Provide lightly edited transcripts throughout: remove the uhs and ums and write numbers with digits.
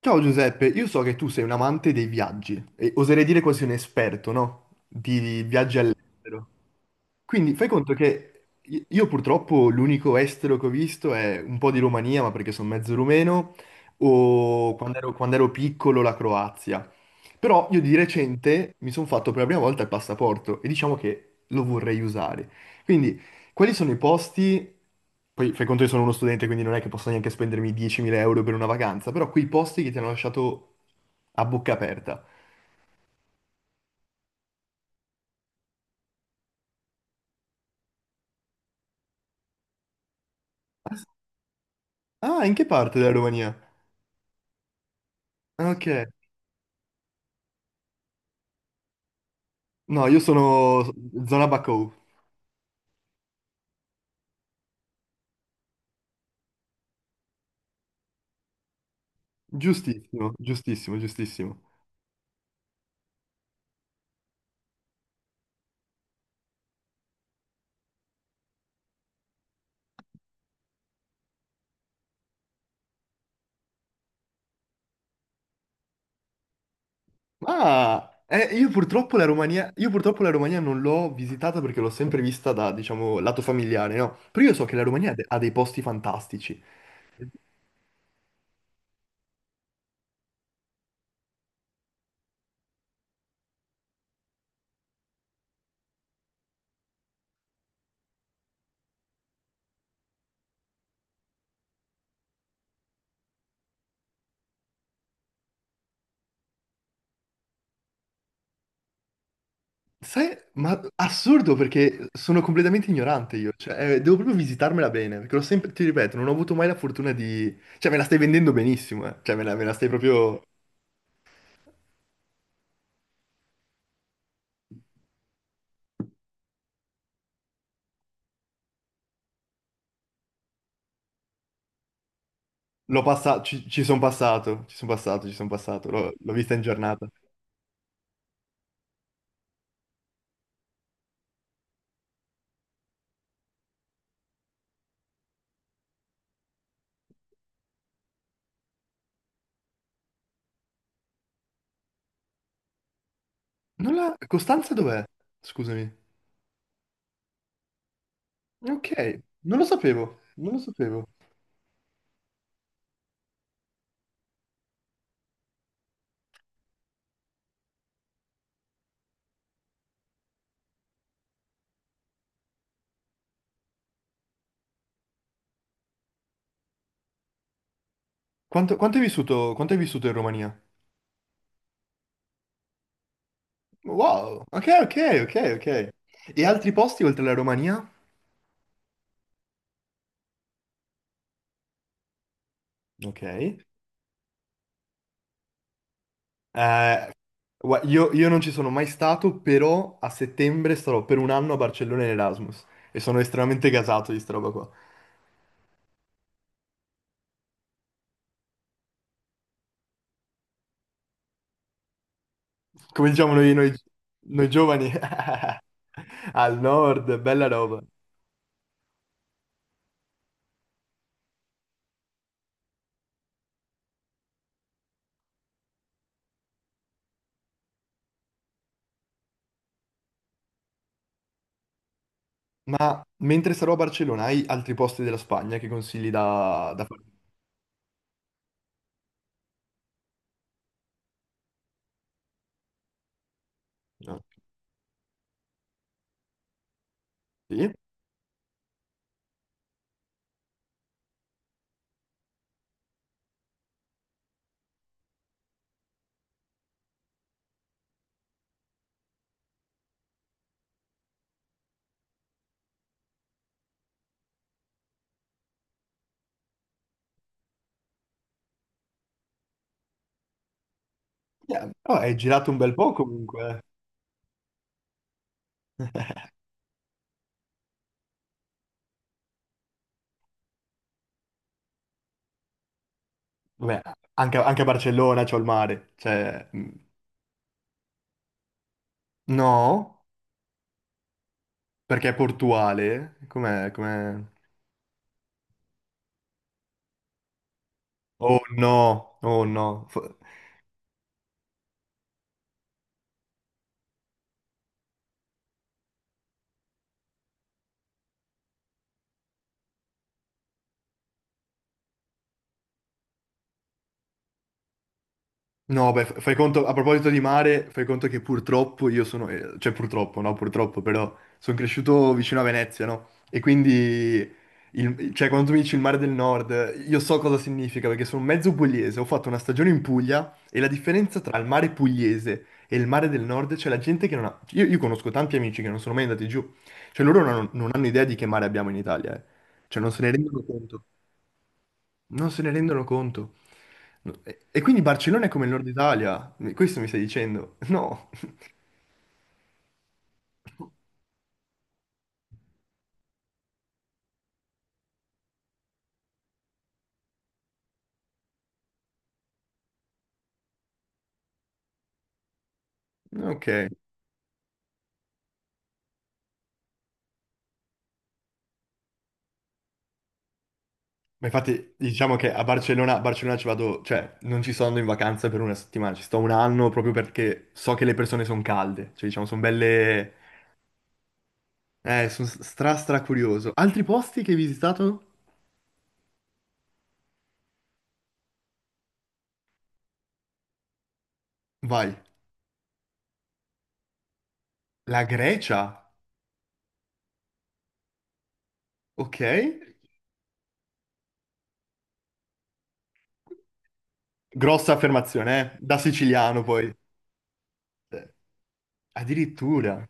Ciao Giuseppe, io so che tu sei un amante dei viaggi e oserei dire quasi un esperto, no? Di viaggi all'estero. Quindi fai conto che io purtroppo l'unico estero che ho visto è un po' di Romania, ma perché sono mezzo rumeno, o quando ero piccolo la Croazia. Però io di recente mi sono fatto per la prima volta il passaporto e diciamo che lo vorrei usare. Quindi quelli sono i posti, poi fai conto che sono uno studente, quindi non è che posso neanche spendermi 10.000 euro per una vacanza, però quei posti che ti hanno lasciato a bocca aperta. Ah, in che parte della Romania? Ah, ok. No, io sono zona Bacău. Giustissimo, giustissimo, giustissimo. Ma io purtroppo la Romania non l'ho visitata perché l'ho sempre vista da, diciamo, lato familiare, no? Però io so che la Romania ha dei posti fantastici. Sai, ma assurdo perché sono completamente ignorante io, cioè devo proprio visitarmela bene, perché l'ho sempre, ti ripeto, non ho avuto mai la fortuna di. Cioè me la stai vendendo benissimo, eh. Cioè me la stai proprio. L'ho passato, ci sono passato, l'ho vista in giornata. Non la... Costanza dov'è? Scusami. Ok, non lo sapevo, non lo sapevo. Quanto hai vissuto in Romania? Wow, ok, ok, ok, ok. E altri posti oltre la Romania? Ok. Eh, io non ci sono mai stato, però a settembre starò per un anno a Barcellona in Erasmus e sono estremamente gasato di sta roba qua. Come diciamo noi, noi giovani al nord, bella roba. Ma mentre sarò a Barcellona, hai altri posti della Spagna che consigli da fare? No. Sì? Yeah. Oh, hai girato un bel po' comunque, eh. Vabbè, anche a Barcellona c'ho il mare. Cioè, no, perché è portuale. Com'è? Com'è? Oh no, oh no. No, beh, fai conto, a proposito di mare, fai conto che purtroppo io sono, cioè purtroppo, no, purtroppo, però sono cresciuto vicino a Venezia, no? E quindi, cioè quando tu mi dici il mare del nord, io so cosa significa, perché sono mezzo pugliese, ho fatto una stagione in Puglia e la differenza tra il mare pugliese e il mare del nord, c'è la gente che non ha. Io conosco tanti amici che non sono mai andati giù, cioè loro non hanno idea di che mare abbiamo in Italia, eh. Cioè non se ne rendono conto, non se ne rendono conto. No, e quindi Barcellona è come il nord Italia. Questo mi stai dicendo? No, ok. Ma infatti diciamo che a Barcellona ci vado, cioè non ci sto andando in vacanza per una settimana, ci sto un anno proprio perché so che le persone sono calde, cioè diciamo sono belle, sono stra stra curioso. Altri posti che hai visitato? Vai. La Grecia, ok? Grossa affermazione, eh? Da siciliano poi. Eh, Addirittura,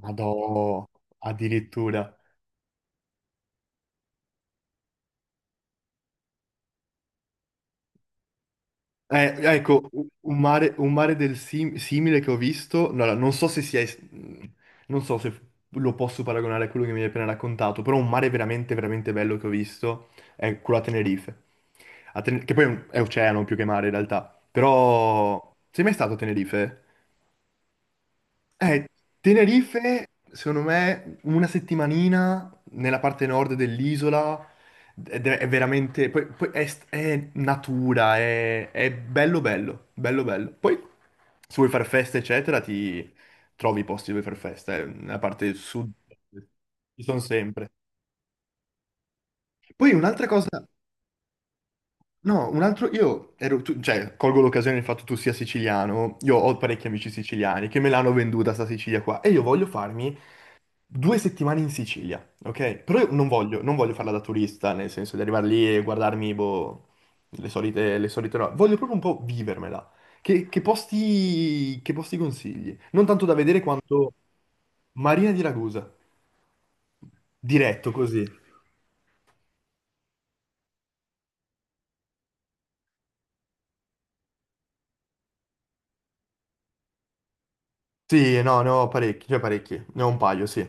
madò, addirittura. Ecco, un mare del simile che ho visto, no, no, non so se sia, non so se lo posso paragonare a quello che mi hai appena raccontato, però un mare veramente, veramente bello che ho visto è quello a Tenerife, che poi è oceano più che mare in realtà, però sei mai stato a Tenerife? Eh, Tenerife, secondo me, una settimanina nella parte nord dell'isola ed è veramente. Poi è natura, è bello bello, bello bello. Poi se vuoi fare festa, eccetera, ti trovi i posti dove fare festa, nella parte sud ci sono sempre. Poi un'altra cosa. No, un altro. Io ero. Cioè, colgo l'occasione del fatto che tu sia siciliano, io ho parecchi amici siciliani che me l'hanno venduta sta Sicilia qua e io voglio farmi 2 settimane in Sicilia, ok? Però io non voglio farla da turista, nel senso di arrivare lì e guardarmi, boh, le solite robe. Voglio proprio un po' vivermela. Che posti consigli? Non tanto da vedere quanto Marina di Ragusa, diretto così. Sì, no, ne ho parecchi, cioè parecchi, ne ho un paio, sì.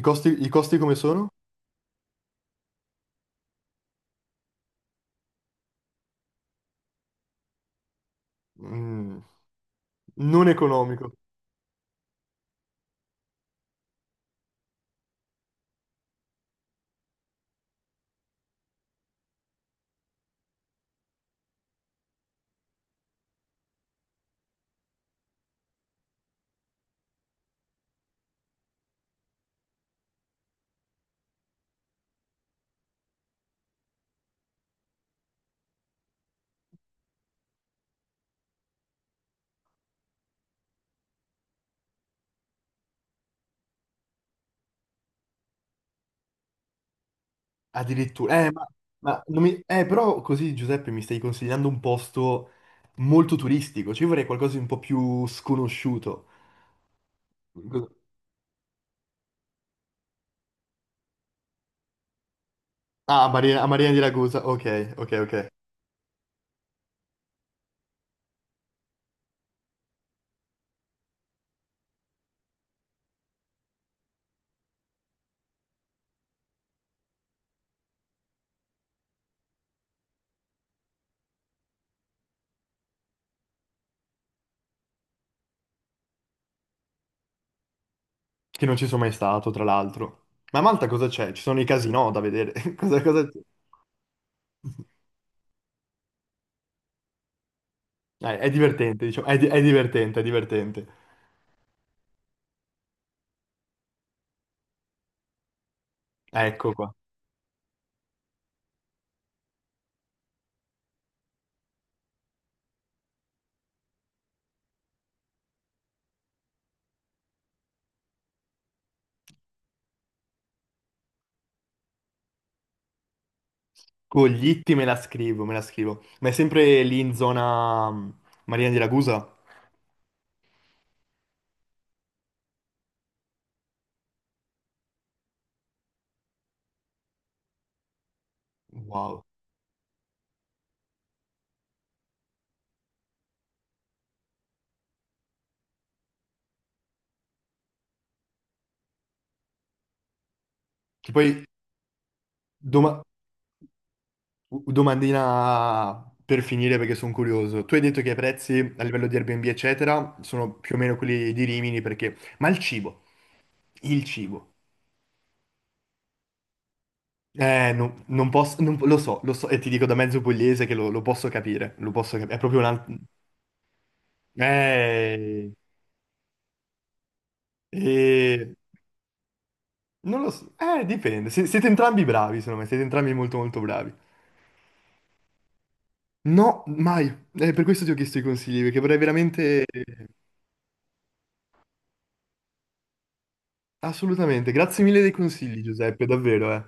I costi come sono? Mm, non economico. Addirittura, ma non mi- però così Giuseppe mi stai consigliando un posto molto turistico, cioè io vorrei qualcosa di un po' più sconosciuto. Cos- Ah, a Marina di Ragusa, ok, ok, ok. Che non ci sono mai stato, tra l'altro. Ma a Malta cosa c'è? Ci sono i casinò da vedere. Cosa c'è? È divertente, diciamo, è divertente, è divertente. Ecco qua. Coglitti me la scrivo, me la scrivo. Ma è sempre lì in zona Marina di Ragusa? Wow. Che poi domani. Domandina per finire perché sono curioso. Tu hai detto che i prezzi a livello di Airbnb, eccetera, sono più o meno quelli di Rimini perché. Ma il cibo, il cibo. Non posso, lo so, e ti dico da mezzo pugliese che lo posso capire, lo posso capire. È proprio un altro. Eh, eh, non lo so, dipende. Siete entrambi bravi, secondo me, siete entrambi molto molto bravi. No, mai. Per questo ti ho chiesto i consigli, perché vorrei veramente. Assolutamente. Grazie mille dei consigli, Giuseppe, davvero, eh.